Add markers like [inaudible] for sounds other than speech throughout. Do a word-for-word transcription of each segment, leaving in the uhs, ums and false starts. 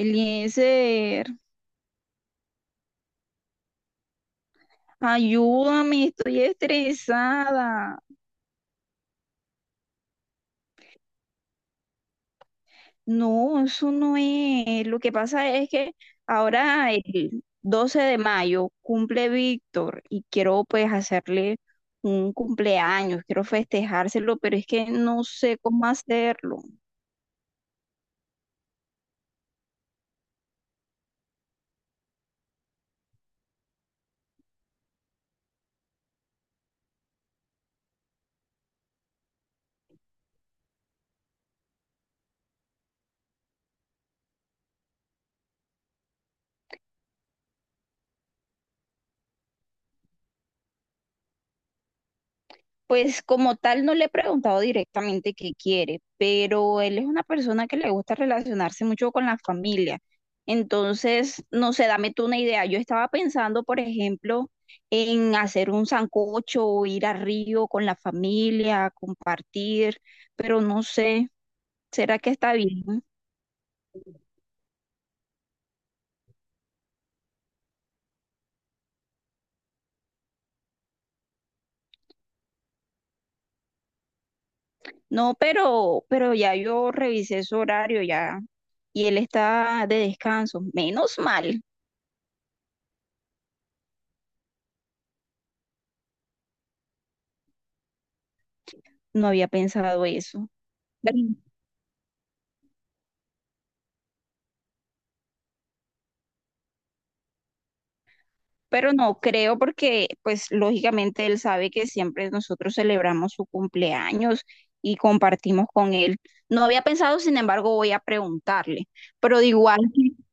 Eliezer, ayúdame, estoy estresada. No, eso no es. Lo que pasa es que ahora el doce de mayo cumple Víctor y quiero pues hacerle un cumpleaños, quiero festejárselo, pero es que no sé cómo hacerlo. Pues como tal no le he preguntado directamente qué quiere, pero él es una persona que le gusta relacionarse mucho con la familia. Entonces, no sé, dame tú una idea. Yo estaba pensando, por ejemplo, en hacer un sancocho o ir a Río con la familia, compartir, pero no sé, ¿será que está bien? No, pero, pero ya yo revisé su horario ya y él está de descanso. Menos mal, no había pensado eso. Pero no creo porque pues lógicamente él sabe que siempre nosotros celebramos su cumpleaños y compartimos con él. No había pensado, sin embargo, voy a preguntarle, pero de igual, [laughs]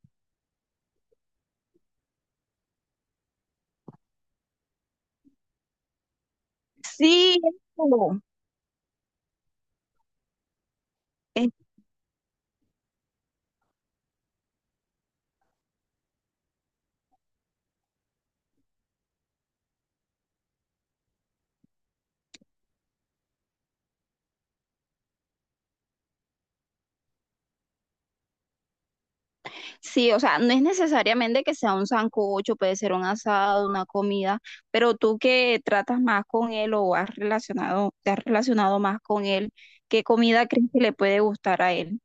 sí, eso, eh, sí, o sea, no es necesariamente que sea un sancocho, puede ser un asado, una comida, pero tú que tratas más con él o has relacionado, te has relacionado más con él, ¿qué comida crees que le puede gustar a él?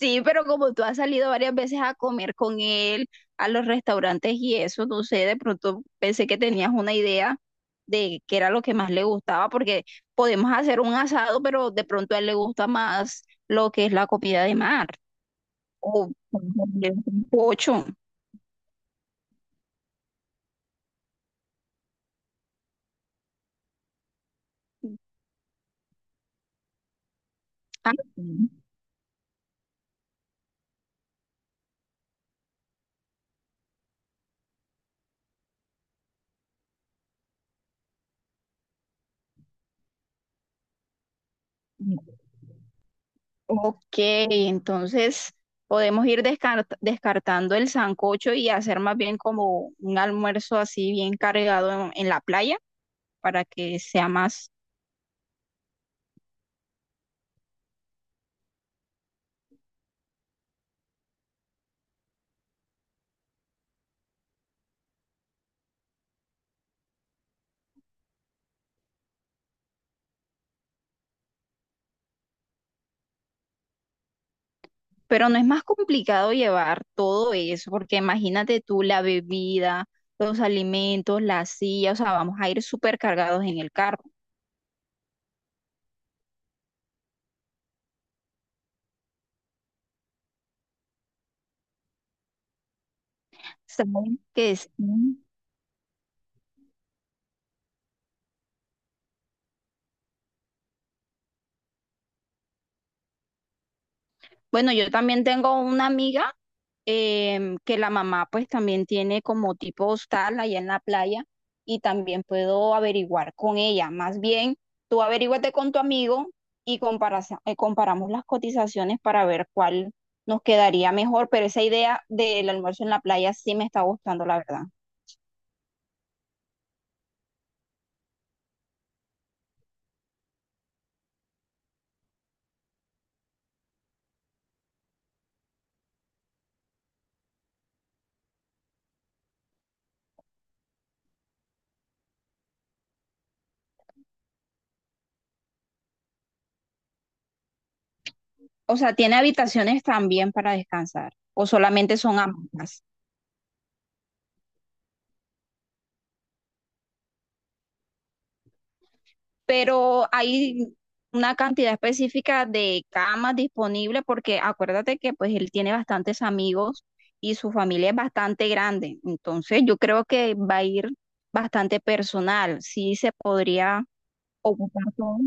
Sí, pero como tú has salido varias veces a comer con él, a los restaurantes y eso, no sé, de pronto pensé que tenías una idea de qué era lo que más le gustaba, porque podemos hacer un asado, pero de pronto a él le gusta más lo que es la comida de mar o un pocho. Ah, sí. Ok, entonces podemos ir descart- descartando el sancocho y hacer más bien como un almuerzo así bien cargado en en la playa, para que sea más. Pero no es más complicado llevar todo eso, porque imagínate tú la bebida, los alimentos, la silla, o sea, vamos a ir súper cargados en el carro. Saben que sí. Bueno, yo también tengo una amiga em, que la mamá pues también tiene como tipo hostal allá en la playa y también puedo averiguar con ella. Más bien, tú averíguate con tu amigo y comparaza- eh, comparamos las cotizaciones para ver cuál nos quedaría mejor, pero esa idea del almuerzo en la playa sí me está gustando, la verdad. O sea, ¿tiene habitaciones también para descansar o solamente son ambas? Pero hay una cantidad específica de camas disponibles porque acuérdate que pues él tiene bastantes amigos y su familia es bastante grande, entonces yo creo que va a ir bastante personal, sí se podría ocupar todo.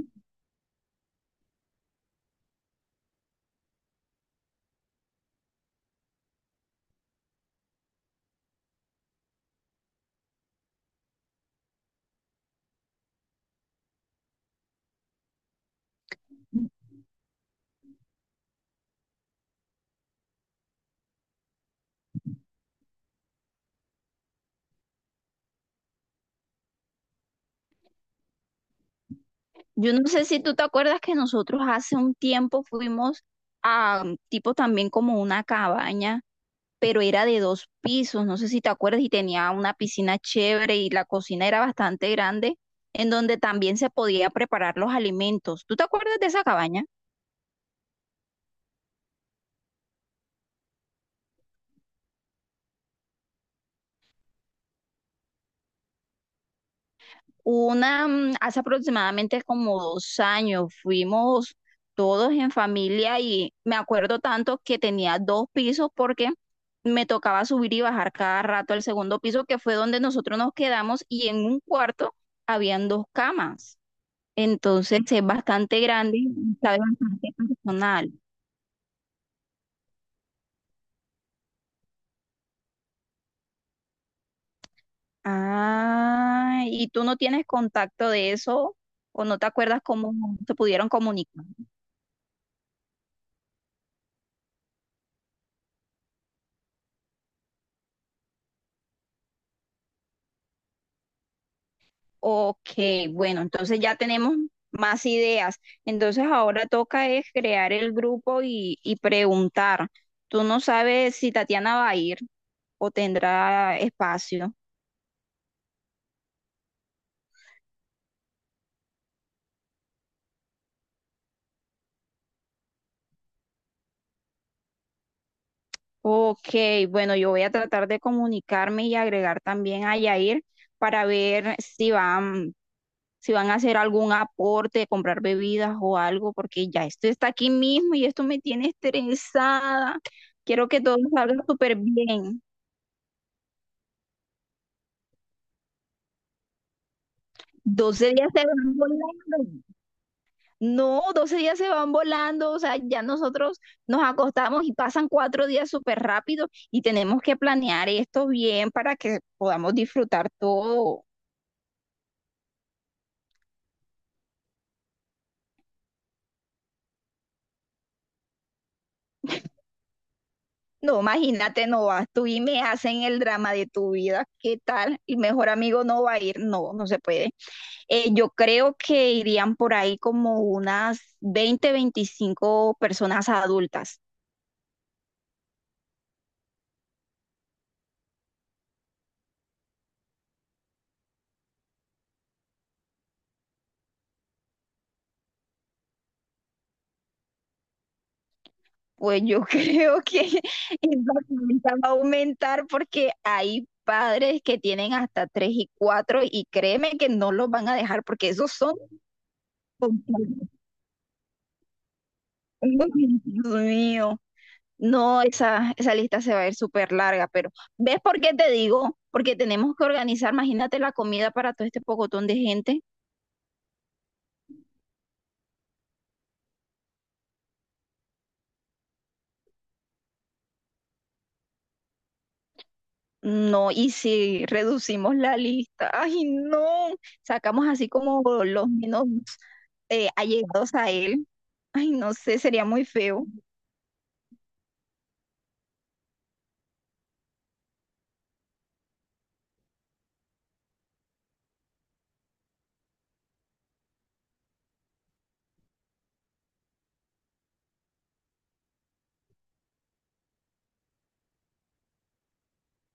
Yo no sé si tú te acuerdas que nosotros hace un tiempo fuimos a tipo también como una cabaña pero era de dos pisos, no sé si te acuerdas, y tenía una piscina chévere y la cocina era bastante grande, en donde también se podía preparar los alimentos. ¿Tú te acuerdas de esa cabaña? Una, mm, hace aproximadamente como dos años fuimos todos en familia y me acuerdo tanto que tenía dos pisos porque me tocaba subir y bajar cada rato al segundo piso, que fue donde nosotros nos quedamos y en un cuarto habían dos camas. Entonces es bastante grande y sabe bastante personal. Ah, ¿y tú no tienes contacto de eso o no te acuerdas cómo se pudieron comunicar? Ok, bueno, entonces ya tenemos más ideas. Entonces ahora toca es crear el grupo y, y preguntar. Tú no sabes si Tatiana va a ir o tendrá espacio. Ok, bueno, yo voy a tratar de comunicarme y agregar también a Yair para ver si va, si van a hacer algún aporte, comprar bebidas o algo, porque ya esto está aquí mismo y esto me tiene estresada. Quiero que todo salga súper bien. Doce días se van volando. No, doce días se van volando. O sea, ya nosotros nos acostamos y pasan cuatro días súper rápido y tenemos que planear esto bien para que podamos disfrutar todo. No, imagínate, no vas tú y me hacen el drama de tu vida. ¿Qué tal? Y mejor amigo no va a ir. No, no se puede. Eh, yo creo que irían por ahí como unas veinte veinticinco personas adultas. Pues yo [laughs] creo que esa cuenta va a aumentar porque hay padres que tienen hasta tres y cuatro y créeme que no los van a dejar porque esos son... [laughs] culpables. Uy, Dios mío. No, esa, esa lista se va a ir súper larga, pero ¿ves por qué te digo? Porque tenemos que organizar, imagínate la comida para todo este pocotón de gente. No, y si reducimos la lista, ay no, sacamos así como los menos eh, allegados a él, ay no sé, sería muy feo,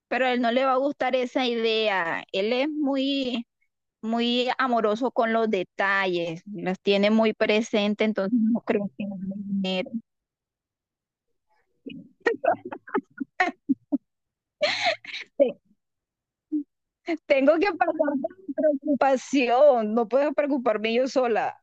pero a él no le va a gustar esa idea, él es muy, muy amoroso con los detalles, los tiene muy presente, entonces no creo que no le genere. Te- Tengo que pasar por mi preocupación, no puedo preocuparme yo sola.